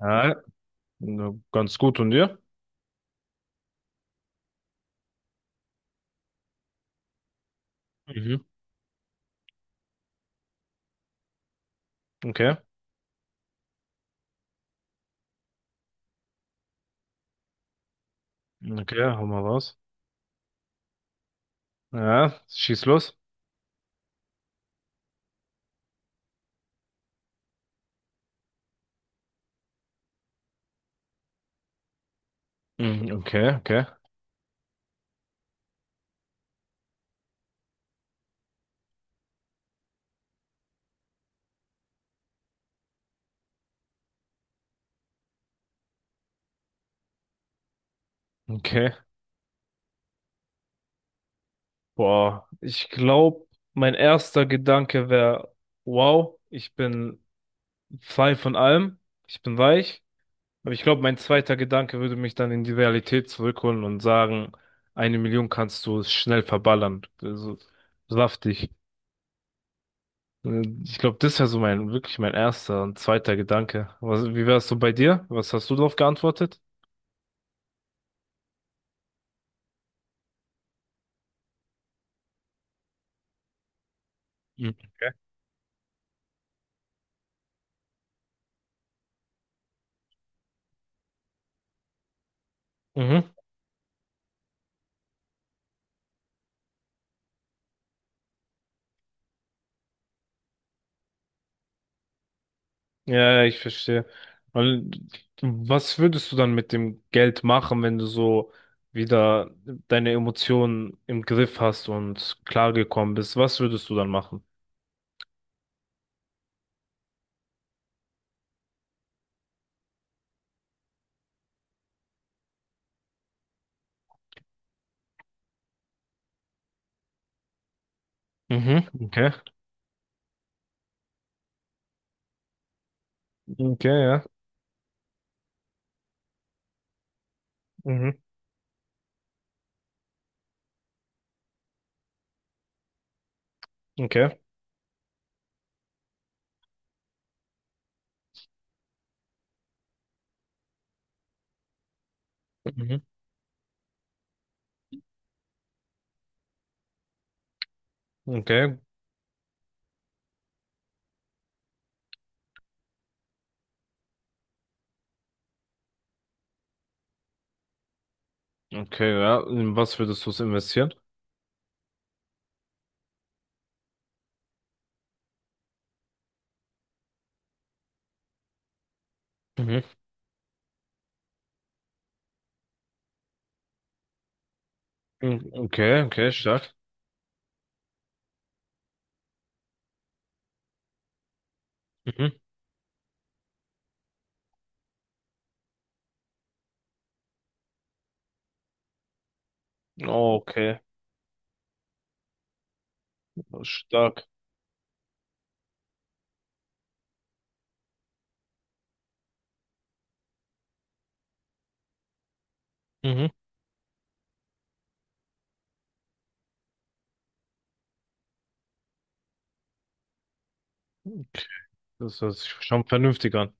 Ja, na, ganz gut. Und dir? Mhm. Okay. Okay, hau mal raus. Ja, schieß los. Mhm, okay, okay, okay. Boah, ich glaube, mein erster Gedanke wäre, wow, ich bin frei von allem, ich bin weich. Aber ich glaube, mein zweiter Gedanke würde mich dann in die Realität zurückholen und sagen, eine Million kannst du schnell verballern. Also, saftig. Ich glaube, das wäre so wirklich mein erster und zweiter Gedanke. Wie wär's so bei dir? Was hast du darauf geantwortet? Mhm. Okay. Mhm. Ja, ja, ich verstehe. Und was würdest du dann mit dem Geld machen, wenn du so wieder deine Emotionen im Griff hast und klargekommen bist? Was würdest du dann machen? Mhm. Okay. Okay, ja. Mhm. Okay. Mhm. Okay. Okay, ja. In was würdest du es investieren? Mhm. Mhm. Okay, okay, stark. Mhm. Okay. Also stark. Mhm. Das hört sich schon vernünftig an.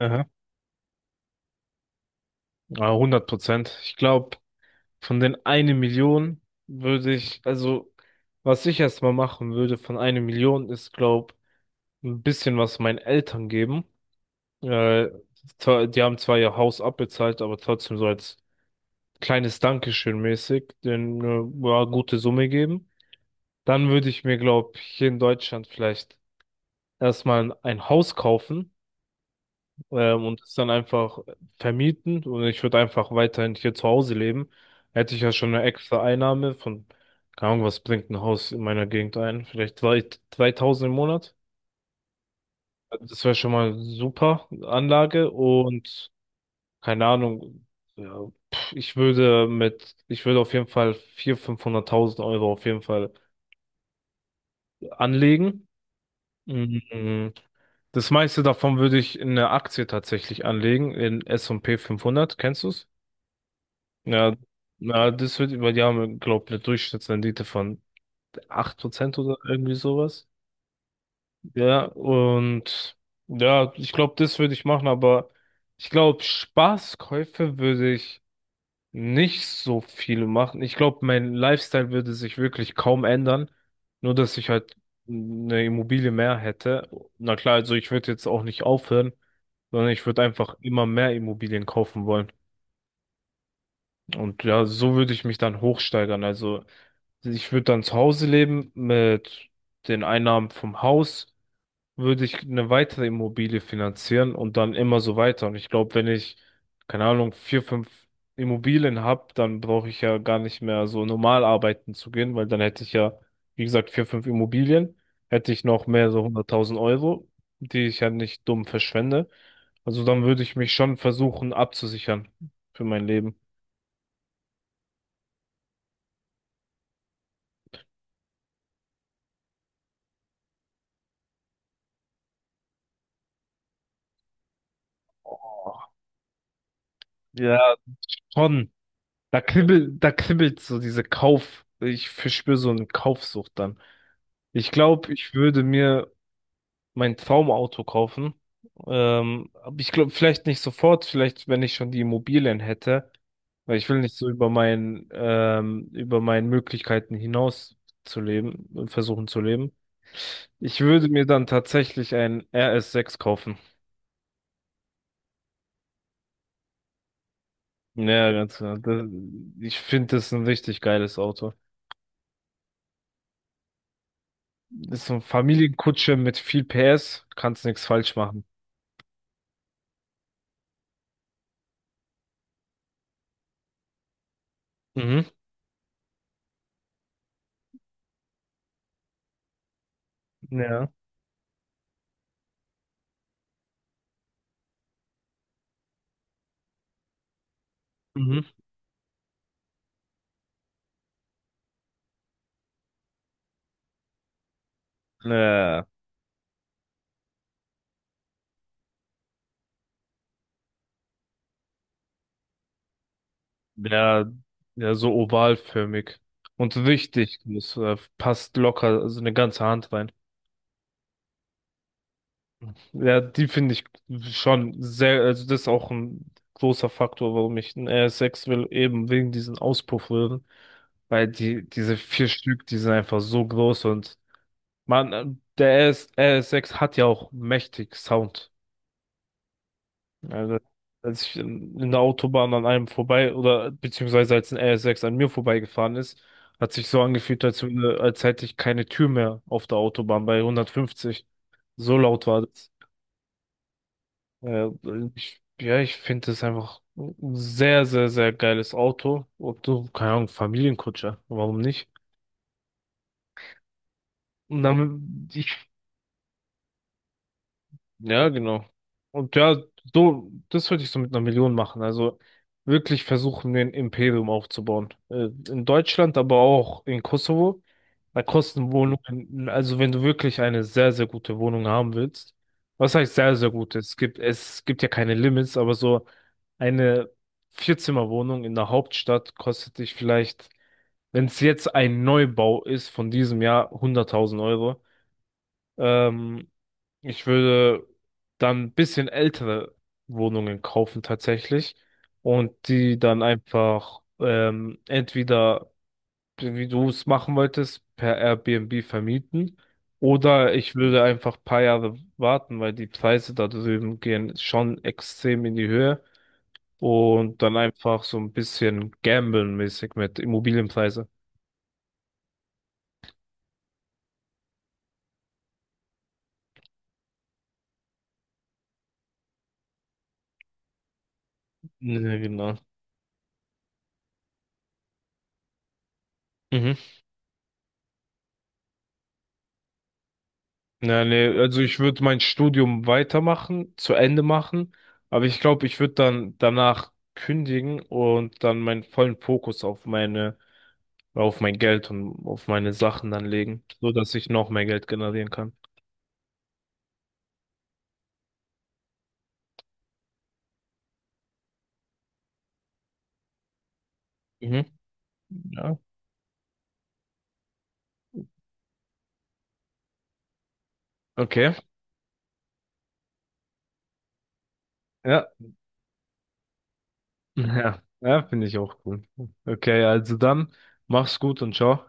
Aha. Ah, 100%. Ich glaube, von den eine Million würde ich, also, was ich erstmal machen würde von einer Million ist, glaube, ein bisschen was meinen Eltern geben. Äh, Die haben zwar ihr Haus abbezahlt, aber trotzdem so als kleines Dankeschön mäßig, denen ja, gute Summe geben. Dann würde ich mir, glaube ich, hier in Deutschland vielleicht erstmal ein Haus kaufen und es dann einfach vermieten, und ich würde einfach weiterhin hier zu Hause leben, hätte ich ja schon eine extra Einnahme von, keine Ahnung, was bringt ein Haus in meiner Gegend ein? Vielleicht zwei, 2.000 im Monat. Also das wäre schon mal super Anlage und keine Ahnung, ja, ich würde auf jeden Fall 400.000, 500.000 Euro auf jeden Fall anlegen. Mhm. Das meiste davon würde ich in eine Aktie tatsächlich anlegen, in S&P 500, kennst du? Ja, na, das wird über, die haben, glaube ich, eine Durchschnittsrendite von 8% oder irgendwie sowas. Ja, und ja, ich glaube, das würde ich machen, aber ich glaube, Spaßkäufe würde ich nicht so viele machen. Ich glaube, mein Lifestyle würde sich wirklich kaum ändern, nur dass ich halt eine Immobilie mehr hätte. Na klar, also ich würde jetzt auch nicht aufhören, sondern ich würde einfach immer mehr Immobilien kaufen wollen. Und ja, so würde ich mich dann hochsteigern. Also ich würde dann zu Hause leben mit den Einnahmen vom Haus, würde ich eine weitere Immobilie finanzieren und dann immer so weiter. Und ich glaube, wenn ich, keine Ahnung, vier, fünf Immobilien habe, dann brauche ich ja gar nicht mehr so normal arbeiten zu gehen, weil dann hätte ich ja, wie gesagt, vier, fünf Immobilien, hätte ich noch mehr so 100.000 Euro, die ich ja nicht dumm verschwende. Also dann würde ich mich schon versuchen abzusichern für mein Leben. Ja, schon. Da kribbelt so diese Kauf. Ich verspüre so eine Kaufsucht dann. Ich glaube, ich würde mir mein Traumauto kaufen. Aber ich glaube, vielleicht nicht sofort, vielleicht, wenn ich schon die Immobilien hätte, weil ich will nicht so über meinen Möglichkeiten hinaus zu leben, versuchen zu leben. Ich würde mir dann tatsächlich ein RS6 kaufen. Ja, ganz genau. Das, ich finde, das ist ein richtig geiles Auto. Ist so eine Familienkutsche mit viel PS, kannst nichts falsch machen. Mhm. Ja. Mhm. Äh, ja, ja, so ovalförmig. Und richtig groß, passt locker, also eine ganze Hand rein. Ja, die finde ich schon sehr, also das ist auch ein großer Faktor, warum ich einen RS6 will, eben wegen diesen Auspuffröhren. Weil diese vier Stück, die sind einfach so groß und man, RS6 hat ja auch mächtig Sound. Also, als ich in der Autobahn an einem vorbei oder beziehungsweise als ein RS6 an mir vorbeigefahren ist, hat sich so angefühlt, als hätte ich keine Tür mehr auf der Autobahn bei 150. So laut war das. Ja, ja, ich finde das einfach ein sehr, sehr, sehr geiles Auto. Und so, keine Ahnung, Familienkutscher. Warum nicht? Und dann, ich, ja, genau. Und ja, so, das würde ich so mit einer Million machen. Also wirklich versuchen, ein Imperium aufzubauen. In Deutschland, aber auch in Kosovo. Da kosten Wohnungen, also wenn du wirklich eine sehr, sehr gute Wohnung haben willst. Was heißt sehr, sehr gute? Es gibt ja keine Limits, aber so eine Vierzimmerwohnung in der Hauptstadt kostet dich vielleicht, wenn es jetzt ein Neubau ist von diesem Jahr, 100.000 Euro. Ähm, Ich würde dann ein bisschen ältere Wohnungen kaufen tatsächlich und die dann einfach entweder, wie du es machen wolltest, per Airbnb vermieten oder ich würde einfach ein paar Jahre warten, weil die Preise da drüben gehen schon extrem in die Höhe, und dann einfach so ein bisschen gamblen-mäßig mit Immobilienpreise. Ja, genau. Mhm. Ja, nee, also ich würde mein Studium weitermachen, zu Ende machen, aber ich glaube, ich würde dann danach kündigen und dann meinen vollen Fokus auf meine, auf mein Geld und auf meine Sachen dann legen, so dass ich noch mehr Geld generieren kann. Mhm. Ja. Okay. Ja. Ja. Ja, finde ich auch cool. Okay, also dann mach's gut und ciao.